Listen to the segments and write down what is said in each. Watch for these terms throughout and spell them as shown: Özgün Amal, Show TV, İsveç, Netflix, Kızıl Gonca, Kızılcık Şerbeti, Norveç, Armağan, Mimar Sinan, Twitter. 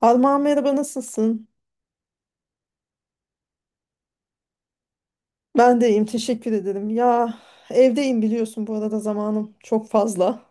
Alman merhaba nasılsın? Ben de iyiyim teşekkür ederim. Ya evdeyim biliyorsun bu arada zamanım çok fazla.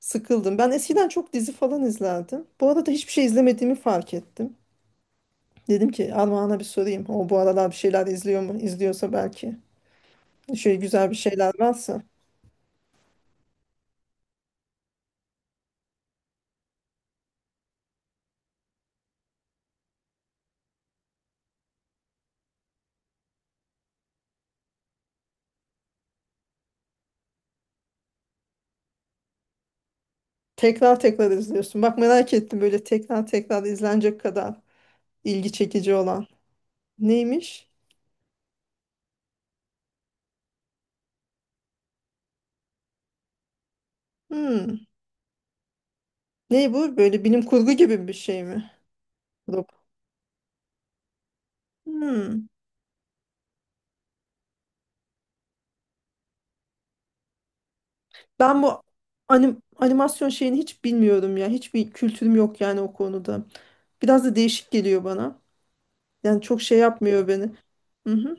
Sıkıldım. Ben eskiden çok dizi falan izlerdim. Bu arada hiçbir şey izlemediğimi fark ettim. Dedim ki Armağan'a bir sorayım. O bu aralar bir şeyler izliyor mu? İzliyorsa belki. Şöyle güzel bir şeyler varsa. Tekrar tekrar izliyorsun. Bak merak ettim böyle tekrar tekrar izlenecek kadar ilgi çekici olan. Neymiş? Hmm. Ne bu? Böyle bilim kurgu gibi bir şey mi? Rob. Hmm. Ben bu animasyon şeyini hiç bilmiyorum ya. Hiçbir kültürüm yok yani o konuda. Biraz da değişik geliyor bana. Yani çok şey yapmıyor beni. Hı-hı.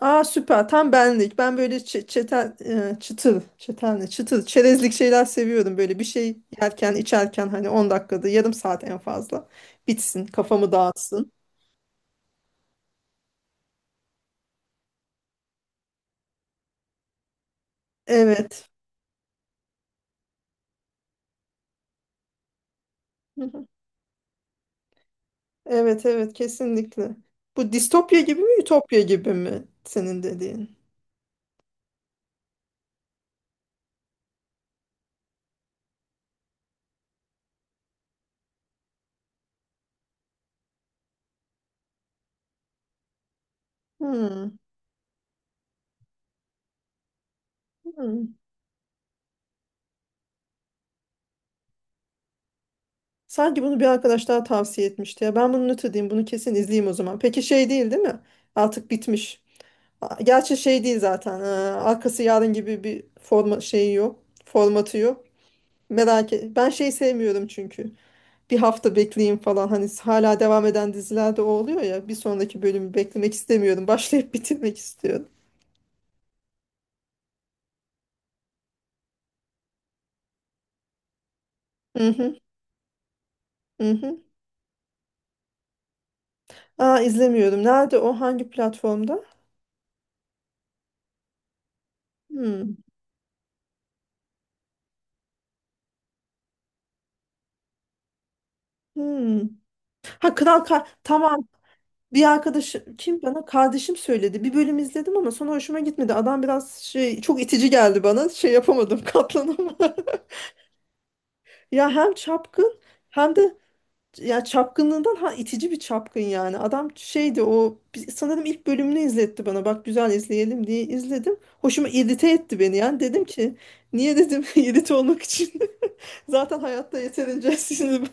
Aa süper. Tam benlik. Ben böyle çetel, çıtır, çetel ne? Çıtır, çerezlik şeyler seviyorum. Böyle bir şey yerken, içerken hani 10 dakikada, yarım saat en fazla. Bitsin, kafamı dağıtsın. Evet. Hı-hı. Evet, evet, kesinlikle. Bu distopya gibi mi, ütopya gibi mi senin dediğin? Hmm. Sanki bunu bir arkadaş daha tavsiye etmişti ya. Ben bunu not edeyim, bunu kesin izleyeyim o zaman. Peki şey değil, değil mi? Artık bitmiş. Gerçi şey değil zaten. Arkası yarın gibi bir forma şeyi yok. Formatı yok. Merak et. Ben şey sevmiyorum çünkü. Bir hafta bekleyeyim falan. Hani hala devam eden dizilerde o oluyor ya. Bir sonraki bölümü beklemek istemiyorum. Başlayıp bitirmek istiyorum. Hı hı, hı hı. Aa izlemiyorum. Nerede o? Hangi platformda? Hmm. Hmm. Ha, Kral tamam. Bir arkadaşım kim bana kardeşim söyledi. Bir bölüm izledim ama sonra hoşuma gitmedi. Adam biraz şey çok itici geldi bana. Şey yapamadım, katlanamadım. Ya hem çapkın hem de ya çapkınlığından ha itici bir çapkın yani. Adam şeydi o sanırım ilk bölümünü izletti bana. Bak güzel izleyelim diye izledim. Hoşuma irite etti beni yani. Dedim ki niye dedim irite olmak için. Zaten hayatta yeterince sinirli.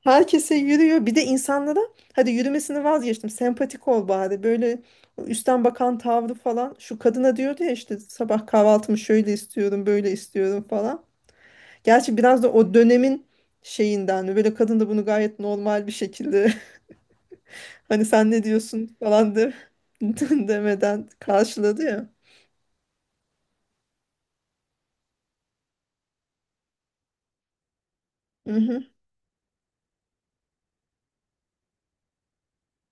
Herkese yürüyor. Bir de insanlara hadi yürümesini vazgeçtim. Sempatik ol bari. Böyle üstten bakan tavrı falan. Şu kadına diyordu ya işte sabah kahvaltımı şöyle istiyorum, böyle istiyorum falan. Gerçi biraz da o dönemin şeyinden mi? Böyle kadın da bunu gayet normal bir şekilde hani sen ne diyorsun falan de demeden karşıladı ya. Hı hı,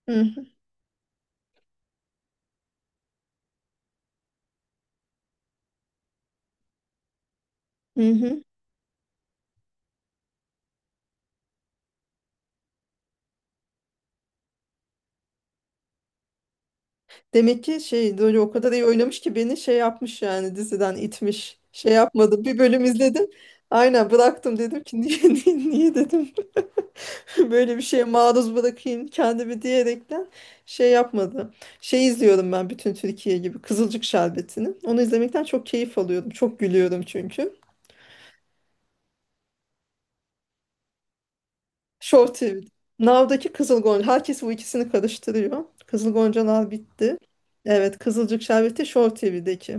hı hı, hı hı. Demek ki şey böyle o kadar iyi oynamış ki beni şey yapmış yani diziden itmiş. Şey yapmadım. Bir bölüm izledim. Aynen bıraktım dedim ki niye niye, niye dedim. Böyle bir şeye maruz bırakayım kendimi diyerekten şey yapmadı. Şey izliyorum ben bütün Türkiye gibi Kızılcık Şerbeti'ni. Onu izlemekten çok keyif alıyorum. Çok gülüyorum çünkü. Show TV'de. Now'daki Kızıl Gonca. Herkes bu ikisini karıştırıyor. Kızıl Goncalar bitti. Evet Kızılcık Şerbeti Show TV'deki.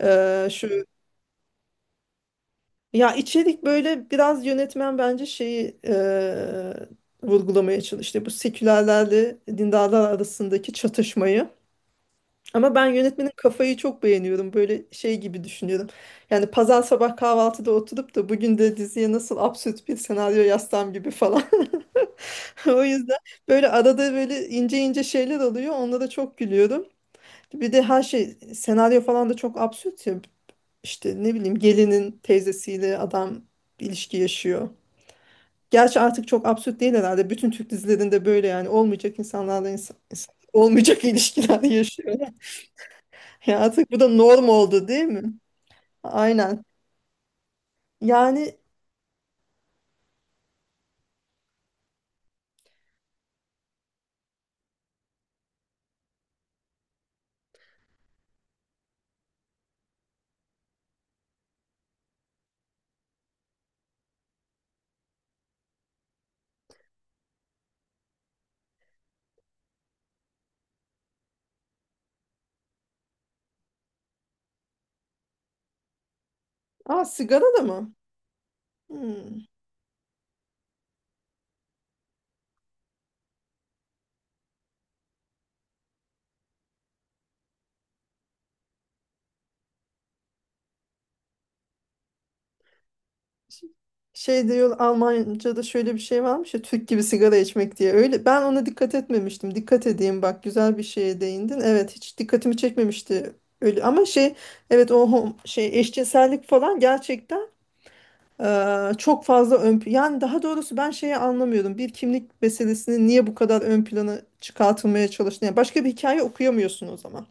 Şu Ya içerik böyle biraz yönetmen bence şeyi vurgulamaya çalıştı. Bu sekülerlerle dindarlar arasındaki çatışmayı. Ama ben yönetmenin kafayı çok beğeniyorum. Böyle şey gibi düşünüyorum. Yani pazar sabah kahvaltıda oturup da bugün de diziye nasıl absürt bir senaryo yazsam gibi falan. O yüzden böyle arada böyle ince ince şeyler oluyor. Onlara çok gülüyorum. Bir de her şey senaryo falan da çok absürt ya. İşte ne bileyim gelinin teyzesiyle adam ilişki yaşıyor. Gerçi artık çok absürt değil herhalde. Bütün Türk dizilerinde böyle yani olmayacak insanlarla olmayacak ilişkiler yaşıyorlar. Ya artık bu da norm oldu değil mi? Aynen. Yani aa, sigara da mı? Hmm. Şey diyor Almanca'da şöyle bir şey varmış ya Türk gibi sigara içmek diye. Öyle ben ona dikkat etmemiştim. Dikkat edeyim bak güzel bir şeye değindin. Evet hiç dikkatimi çekmemişti öyle ama şey evet o şey eşcinsellik falan gerçekten. Çok fazla yani daha doğrusu ben şeyi anlamıyorum. Bir kimlik meselesini niye bu kadar ön plana çıkartılmaya çalıştığını. Yani başka bir hikaye okuyamıyorsun o zaman.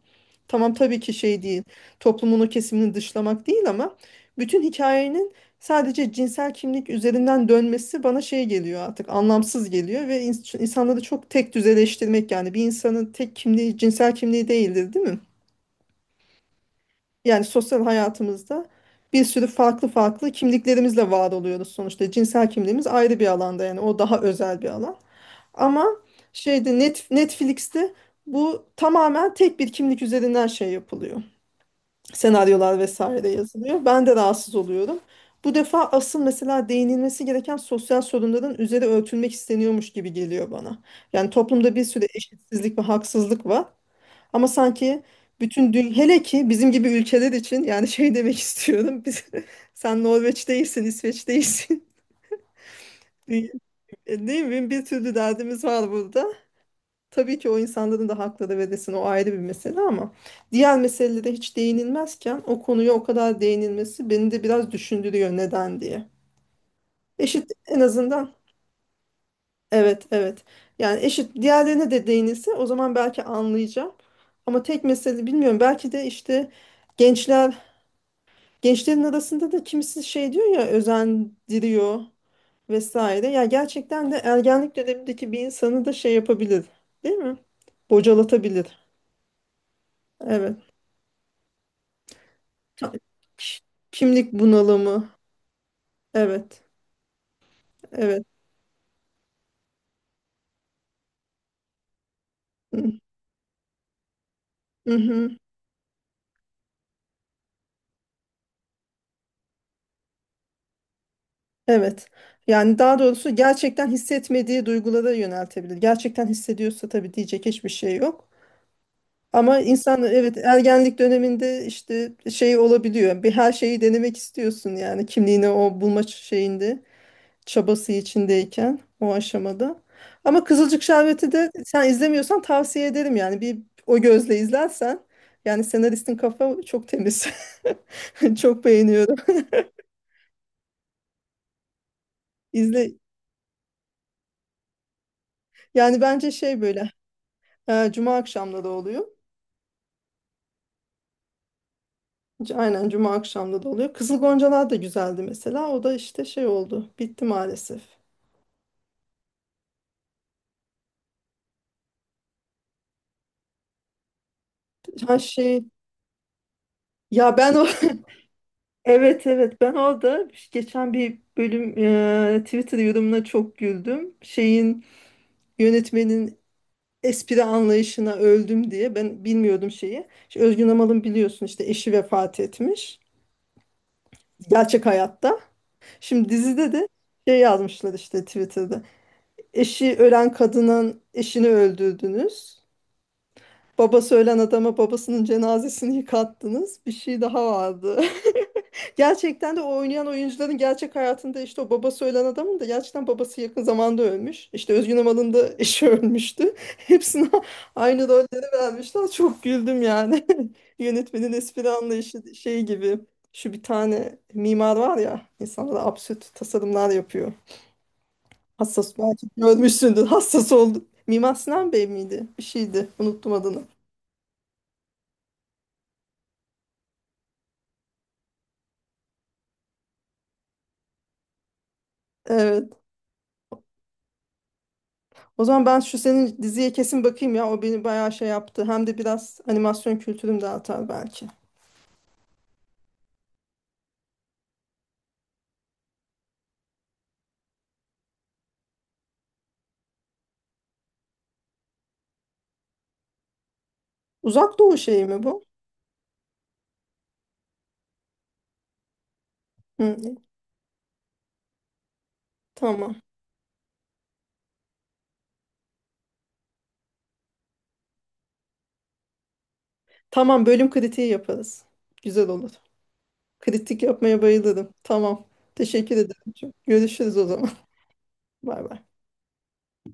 Tamam tabii ki şey değil. Toplumun o kesimini dışlamak değil ama bütün hikayenin sadece cinsel kimlik üzerinden dönmesi bana şey geliyor artık anlamsız geliyor ve insanları çok tek düzeleştirmek yani bir insanın tek kimliği cinsel kimliği değildir değil mi? Yani sosyal hayatımızda bir sürü farklı farklı kimliklerimizle var oluyoruz sonuçta. Cinsel kimliğimiz ayrı bir alanda yani o daha özel bir alan. Ama şeyde Netflix'te bu tamamen tek bir kimlik üzerinden şey yapılıyor. Senaryolar vesaire yazılıyor. Ben de rahatsız oluyorum. Bu defa asıl mesela değinilmesi gereken sosyal sorunların üzeri örtülmek isteniyormuş gibi geliyor bana. Yani toplumda bir sürü eşitsizlik ve haksızlık var. Ama sanki bütün dünya hele ki bizim gibi ülkeler için yani şey demek istiyorum. Biz, sen Norveç değilsin, İsveç değilsin. Değil değil mi? Bir türlü derdimiz var burada. Tabii ki o insanların da hakları verilsin o ayrı bir mesele ama diğer meselelere hiç değinilmezken o konuya o kadar değinilmesi beni de biraz düşündürüyor neden diye. Eşit en azından evet evet yani eşit diğerlerine de değinilse o zaman belki anlayacağım ama tek mesele bilmiyorum belki de işte. gençler Gençlerin arasında da kimisi şey diyor ya özendiriyor vesaire. Ya gerçekten de ergenlik dönemindeki bir insanı da şey yapabilir, değil mi? Bocalatabilir. Evet. Ta- ki- Kimlik bunalımı. Evet. Evet. Hı-hı. Evet. Yani daha doğrusu gerçekten hissetmediği duygulara yöneltebilir. Gerçekten hissediyorsa tabii diyecek hiçbir şey yok. Ama insan evet ergenlik döneminde işte şey olabiliyor. Bir her şeyi denemek istiyorsun yani kimliğini o bulma şeyinde çabası içindeyken o aşamada. Ama Kızılcık Şerbeti de sen izlemiyorsan tavsiye ederim yani bir o gözle izlersen yani senaristin kafa çok temiz. Çok beğeniyorum. İzle yani bence şey böyle cuma akşamları oluyor. Aynen cuma akşamları oluyor. Kızıl Goncalar da güzeldi mesela. O da işte şey oldu. Bitti maalesef. Her şey ya ben o evet evet ben orada geçen bir bölüm Twitter yorumuna çok güldüm. Şeyin yönetmenin espri anlayışına öldüm diye ben bilmiyordum şeyi. İşte Özgün Amal'ın biliyorsun işte eşi vefat etmiş gerçek hayatta. Şimdi dizide de şey yazmışlar işte Twitter'da. Eşi ölen kadının eşini öldürdünüz. Babası ölen adama babasının cenazesini yıkattınız. Bir şey daha vardı. Gerçekten de o oynayan oyuncuların gerçek hayatında işte o babası ölen adamın da gerçekten babası yakın zamanda ölmüş. İşte Özgün Amal'ın da eşi ölmüştü. Hepsine aynı rolleri vermişler. Çok güldüm yani. Yönetmenin espri anlayışı şey gibi. Şu bir tane mimar var ya insanlara absürt tasarımlar yapıyor. Hassas belki görmüşsündür. Hassas oldu. Mimar Sinan Bey miydi? Bir şeydi. Unuttum adını. Evet. O zaman ben şu senin diziye kesin bakayım ya. O beni bayağı şey yaptı. Hem de biraz animasyon kültürüm de artar belki. Uzak Doğu şeyi mi bu? Hı, tamam. Tamam bölüm kritiği yaparız. Güzel olur. Kritik yapmaya bayılırım. Tamam. Teşekkür ederim. Çok. Görüşürüz o zaman. Bay bay.